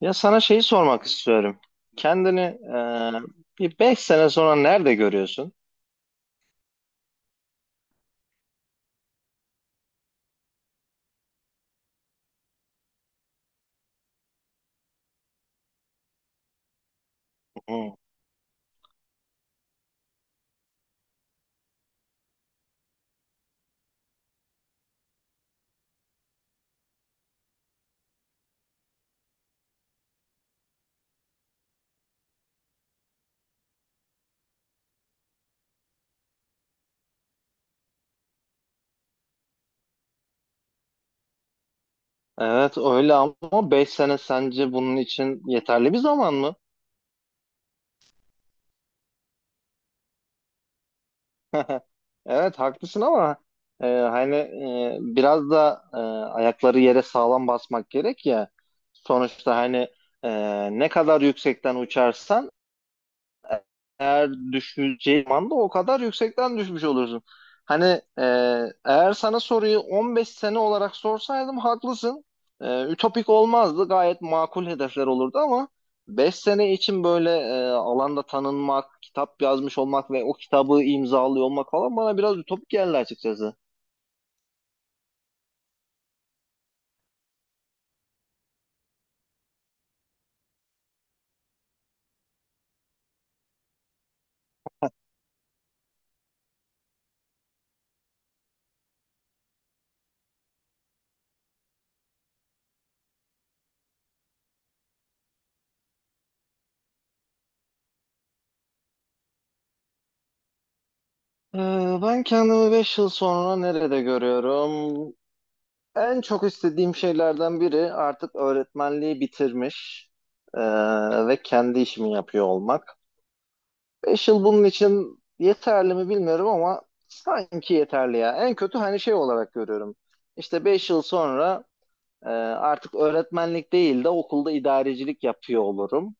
Ya sana şeyi sormak istiyorum. Kendini bir 5 sene sonra nerede görüyorsun? Hı. Evet öyle ama 5 sene sence bunun için yeterli bir zaman mı? Evet haklısın ama hani biraz da, ayakları yere sağlam basmak gerek ya. Sonuçta hani e, ne kadar yüksekten uçarsan eğer düşeceği zaman da o kadar yüksekten düşmüş olursun. Hani e, Eğer sana soruyu 15 sene olarak sorsaydım haklısın. Ütopik olmazdı. Gayet makul hedefler olurdu ama 5 sene için böyle alanda tanınmak, kitap yazmış olmak ve o kitabı imzalıyor olmak falan bana biraz ütopik geldi açıkçası. E, Ben kendimi 5 yıl sonra nerede görüyorum? En çok istediğim şeylerden biri artık öğretmenliği bitirmiş e, ve kendi işimi yapıyor olmak. 5 yıl bunun için yeterli mi bilmiyorum ama sanki yeterli ya. En kötü hani şey olarak görüyorum. İşte 5 yıl sonra artık öğretmenlik değil de okulda idarecilik yapıyor olurum.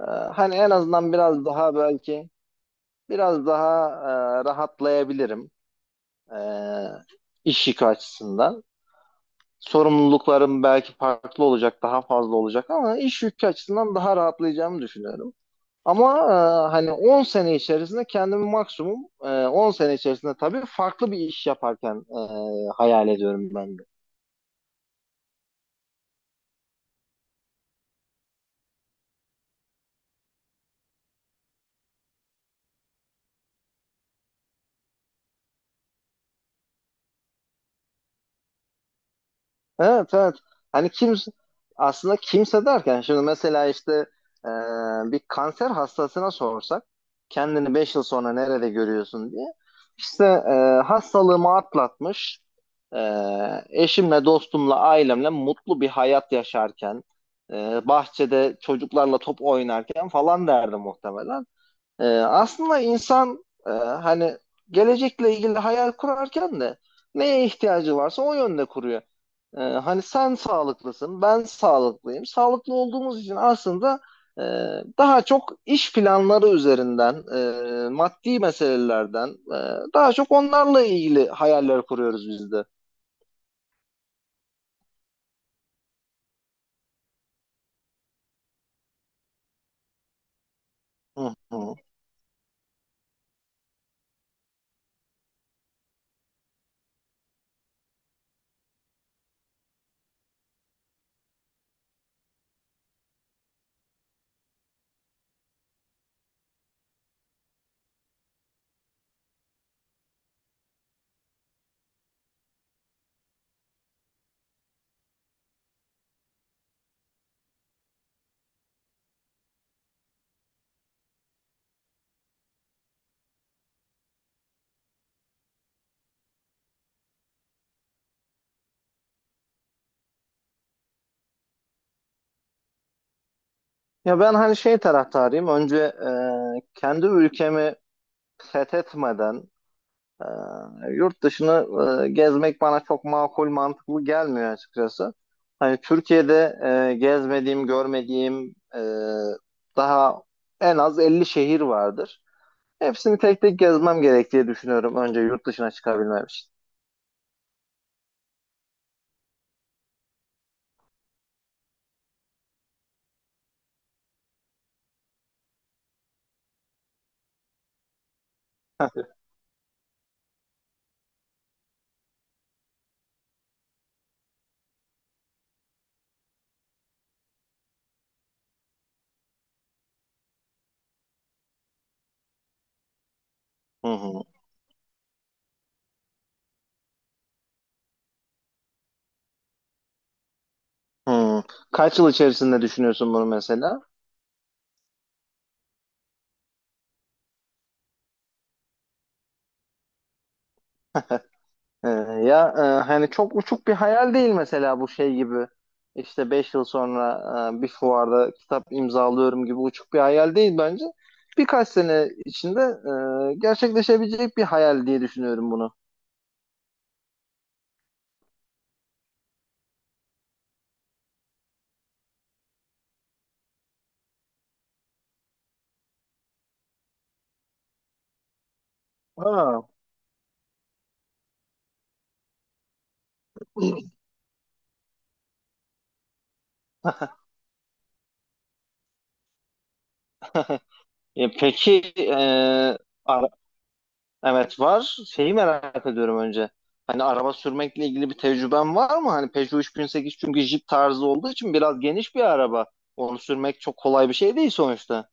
E, Hani en azından biraz daha belki biraz daha, rahatlayabilirim e, iş yükü açısından. Sorumluluklarım belki farklı olacak, daha fazla olacak ama iş yükü açısından daha rahatlayacağımı düşünüyorum. Ama hani 10 sene içerisinde kendimi maksimum 10 sene içerisinde tabii farklı bir iş yaparken hayal ediyorum ben de. Evet, evet. Hani kimse aslında kimse derken şimdi mesela işte e, bir kanser hastasına sorsak kendini 5 yıl sonra nerede görüyorsun diye işte hastalığımı atlatmış e, eşimle dostumla ailemle mutlu bir hayat yaşarken bahçede çocuklarla top oynarken falan derdi muhtemelen. Aslında insan hani gelecekle ilgili hayal kurarken de neye ihtiyacı varsa o yönde kuruyor. Hani sen sağlıklısın, ben sağlıklıyım. Sağlıklı olduğumuz için aslında e, daha çok iş planları üzerinden, maddi meselelerden, daha çok onlarla ilgili hayaller kuruyoruz biz de. Hı hı. Ya ben hani şey taraftarıyım. Önce kendi ülkemi fethetmeden, ee, yurt dışını gezmek bana çok makul, mantıklı gelmiyor açıkçası. Hani Türkiye'de gezmediğim, görmediğim, daha en az 50 şehir vardır. Hepsini tek tek gezmem gerek diye düşünüyorum önce yurt dışına çıkabilmem için. Heh. Hı hı. Hı. Kaç yıl içerisinde düşünüyorsun bunu mesela? Ee, Ya hani çok uçuk bir hayal değil mesela bu şey gibi işte 5 yıl sonra bir fuarda kitap imzalıyorum gibi uçuk bir hayal değil bence. Birkaç sene içinde gerçekleşebilecek bir hayal diye düşünüyorum bunu. Ha. E, peki e, ara- evet, var. Şeyi merak ediyorum önce. Hani araba sürmekle ilgili bir tecrüben var mı? Hani Peugeot 3008 çünkü Jeep tarzı olduğu için biraz geniş bir araba. Onu sürmek çok kolay bir şey değil sonuçta.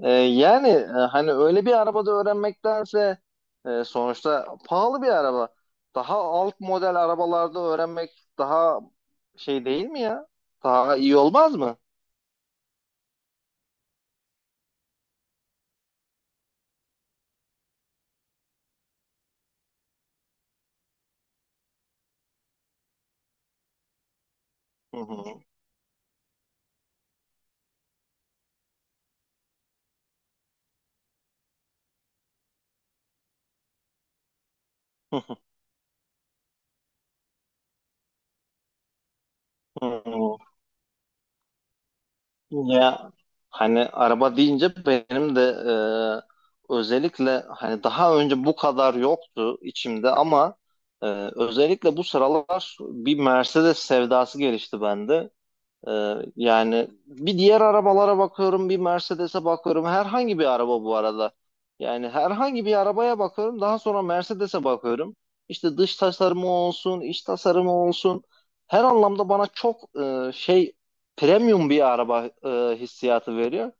Yani, hani öyle bir arabada öğrenmektense, sonuçta pahalı bir araba. Daha alt model arabalarda öğrenmek daha şey değil mi ya? Daha iyi olmaz mı? Hı hı. Hı hı. Ya hani araba deyince benim de özellikle hani daha önce bu kadar yoktu içimde ama e, özellikle bu sıralar bir Mercedes sevdası gelişti bende. Yani bir diğer arabalara bakıyorum, bir Mercedes'e bakıyorum. Herhangi bir araba bu arada. Yani herhangi bir arabaya bakıyorum. Daha sonra Mercedes'e bakıyorum. İşte dış tasarımı olsun, iç tasarımı olsun. Her anlamda bana çok şey, premium bir araba, hissiyatı veriyor.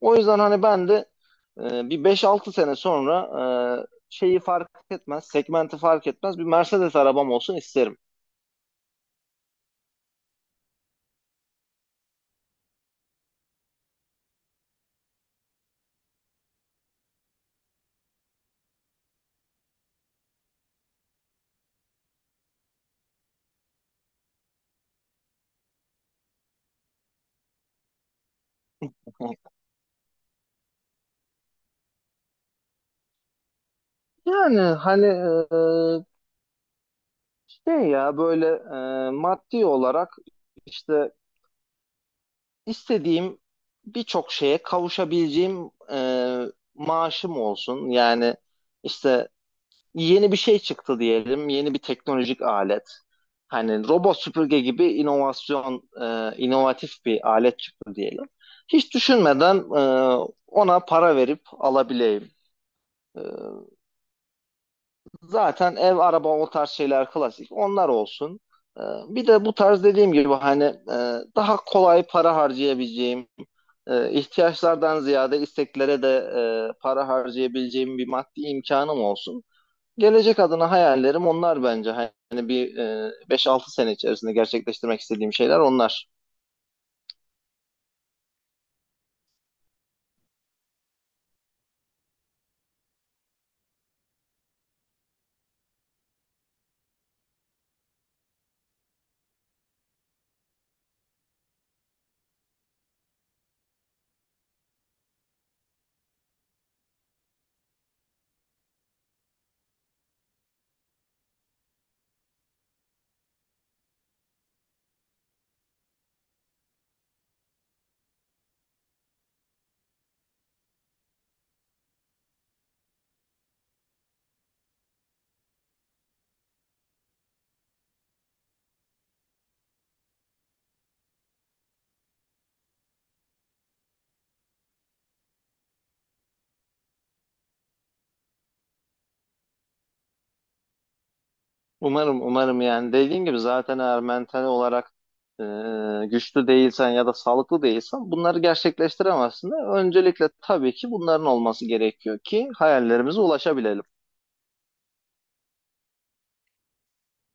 O yüzden hani ben de bir beş altı sene sonra şeyi fark etmez, segmenti fark etmez bir Mercedes arabam olsun isterim. Yani hani şey ya böyle maddi olarak işte istediğim birçok şeye kavuşabileceğim maaşım olsun. Yani işte yeni bir şey çıktı diyelim, yeni bir teknolojik alet. Hani robot süpürge gibi inovasyon, inovatif bir alet çıktı diyelim. Hiç düşünmeden, ona para verip alabileyim. E, Zaten ev, araba o tarz şeyler klasik. Onlar olsun. Ee, bir de bu tarz dediğim gibi hani daha kolay para harcayabileceğim, ihtiyaçlardan ziyade isteklere de para harcayabileceğim bir maddi imkanım olsun. Gelecek adına hayallerim onlar bence. Hani 5-6 sene içerisinde gerçekleştirmek istediğim şeyler onlar. Umarım, umarım. Yani dediğin gibi zaten eğer mental olarak e, güçlü değilsen ya da sağlıklı değilsen bunları gerçekleştiremezsin de öncelikle tabii ki bunların olması gerekiyor ki hayallerimize ulaşabilelim.